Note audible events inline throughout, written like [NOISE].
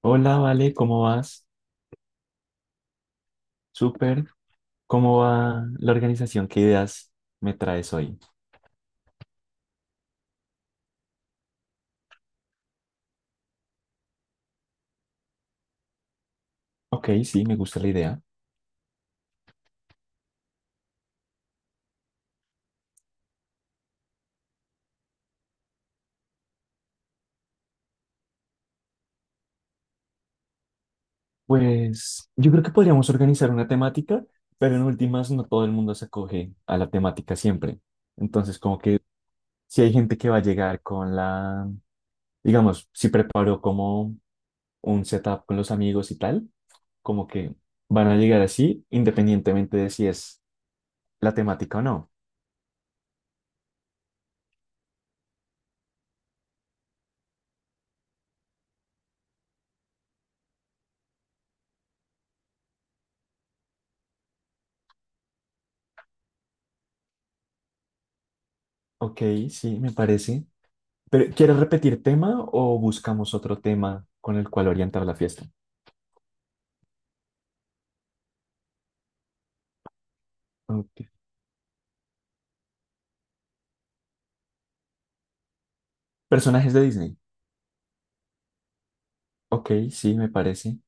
Hola, Vale, ¿cómo vas? Súper. ¿Cómo va la organización? ¿Qué ideas me traes hoy? Ok, sí, me gusta la idea. Pues yo creo que podríamos organizar una temática, pero en últimas no todo el mundo se acoge a la temática siempre. Entonces, como que si hay gente que va a llegar con digamos, si preparó como un setup con los amigos y tal, como que van a llegar así, independientemente de si es la temática o no. Ok, sí, me parece. Pero, ¿quieres repetir tema o buscamos otro tema con el cual orientar la fiesta? Ok. Personajes de Disney. Ok, sí, me parece.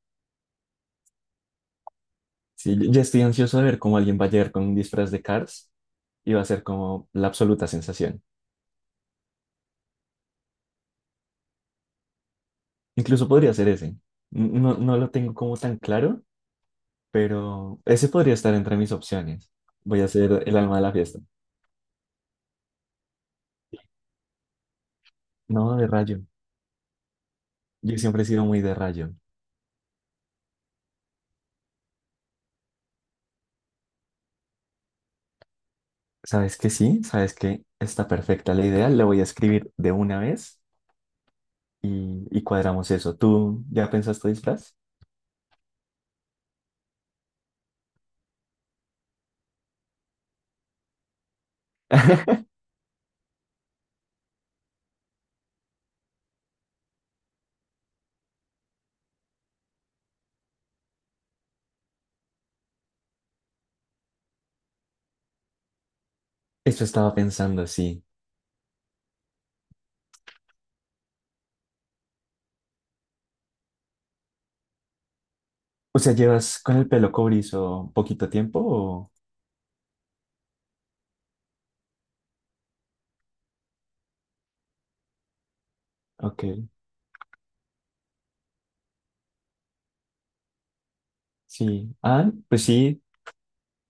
Sí, ya estoy ansioso de ver cómo alguien va a llegar con un disfraz de Cars y va a ser como la absoluta sensación. Incluso podría ser ese. No, no lo tengo como tan claro, pero ese podría estar entre mis opciones. Voy a ser el alma de la fiesta. No, de rayo. Yo siempre he sido muy de rayo. ¿Sabes que sí? ¿Sabes que está perfecta la idea? La voy a escribir de una vez y cuadramos eso. ¿Tú ya pensaste disfraz? Eso estaba pensando, sí. O sea, ¿llevas con el pelo cobrizo poquito tiempo o...? Ok, sí. Ah, pues sí,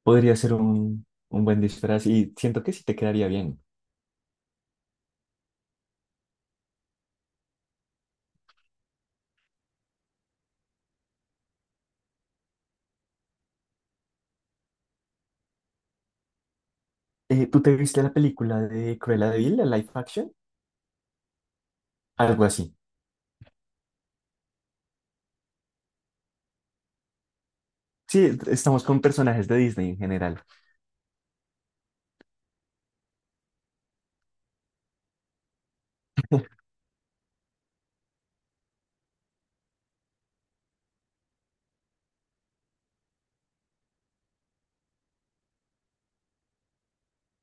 podría ser un buen disfraz y siento que sí te quedaría bien. ¿Tú te viste la película de Cruella de Vil, la live action? Algo así. Sí, estamos con personajes de Disney en general.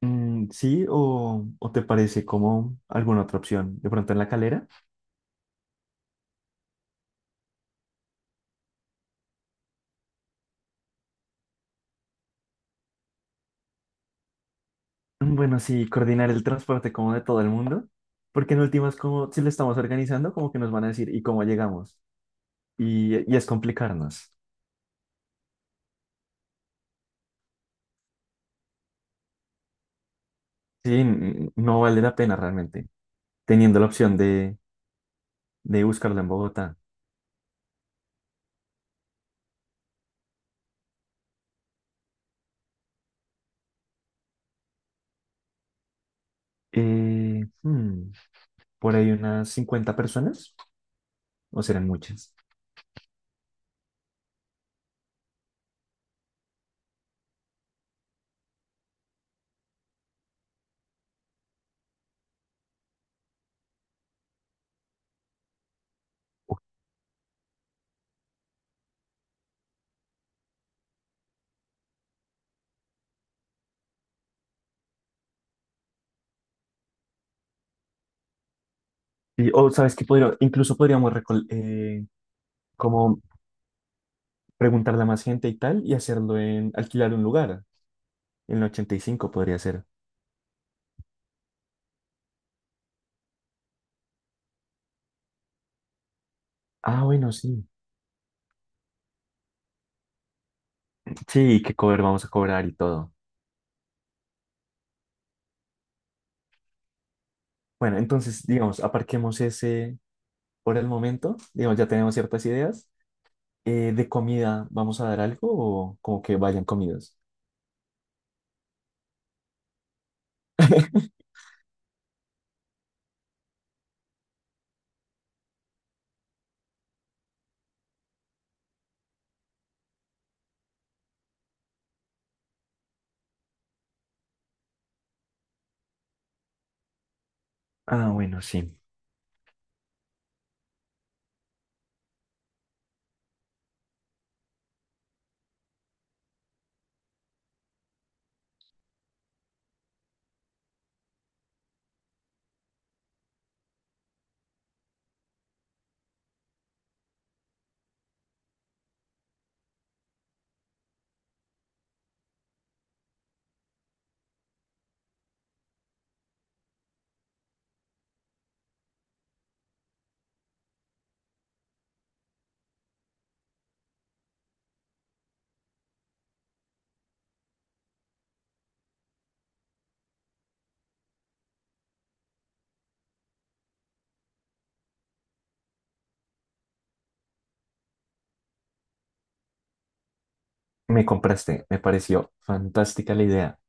Mm, sí, ¿o, o te parece como alguna otra opción? ¿De pronto en la Calera? Bueno, sí, coordinar el transporte como de todo el mundo, porque en últimas, como si lo estamos organizando, como que nos van a decir, ¿y cómo llegamos? Y es complicarnos. Sí, no vale la pena realmente, teniendo la opción de buscarlo en Bogotá. Eh, hmm, por ahí unas 50 personas, o serán muchas. Y, o sabes que podría, incluso podríamos como preguntarle a más gente y tal, y hacerlo en alquilar un lugar. En el 85 podría ser. Ah, bueno, sí. Sí, qué cover vamos a cobrar y todo. Bueno, entonces, digamos, aparquemos ese por el momento. Digamos, ya tenemos ciertas ideas. ¿De comida vamos a dar algo o como que vayan comidas? [LAUGHS] Ah, bueno, sí. Me compraste. Me pareció fantástica la idea.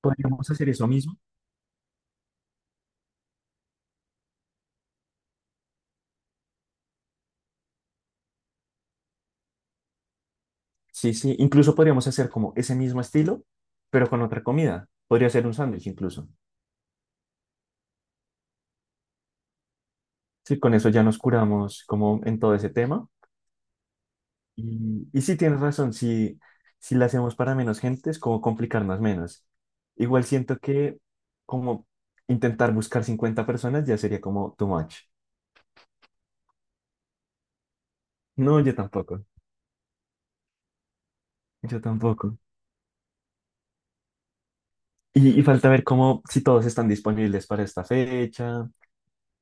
¿Podríamos hacer eso mismo? Sí, sí. Incluso podríamos hacer como ese mismo estilo, pero con otra comida. Podría ser un sándwich incluso. Sí, con eso ya nos curamos como en todo ese tema. Y sí, tienes razón, si, si la hacemos para menos gente es como complicarnos menos. Igual siento que como intentar buscar 50 personas ya sería como too much. No, yo tampoco. Y falta ver cómo, si todos están disponibles para esta fecha,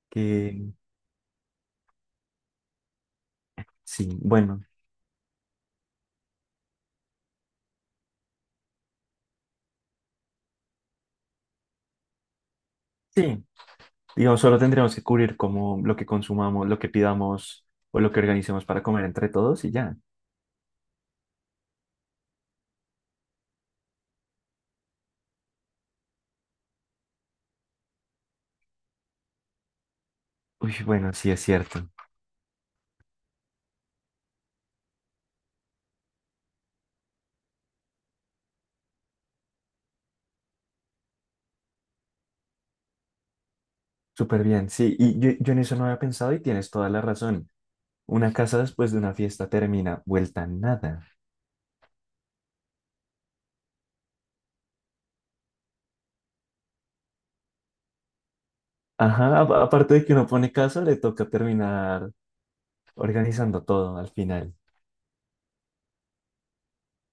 que sí, bueno, sí, digamos, solo tendríamos que cubrir como lo que consumamos, lo que pidamos o lo que organicemos para comer entre todos y ya. Uy, bueno, sí es cierto. Súper bien, sí, yo en eso no había pensado y tienes toda la razón. Una casa después de una fiesta termina vuelta nada. Ajá, aparte de que uno pone casa, le toca terminar organizando todo al final.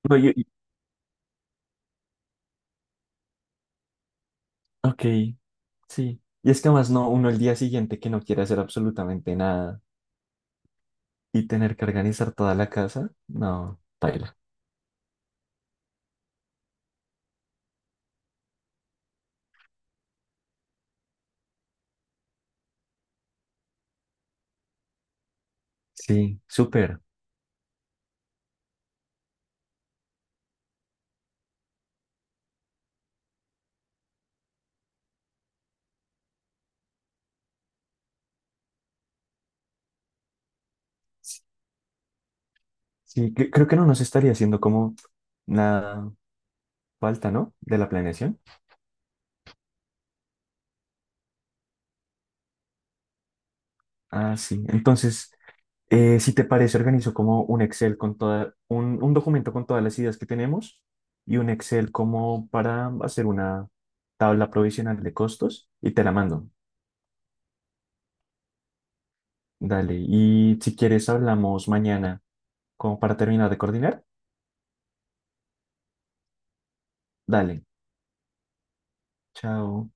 No, ok, sí. Y es que además no, uno el día siguiente que no quiere hacer absolutamente nada y tener que organizar toda la casa, no, paila. Sí, súper. Sí, creo que no nos estaría haciendo como nada falta, ¿no? De la planeación. Ah, sí. Entonces... si te parece, organizo como un Excel con toda, un documento con todas las ideas que tenemos y un Excel como para hacer una tabla provisional de costos y te la mando. Dale. Y si quieres, hablamos mañana como para terminar de coordinar. Dale. Chao.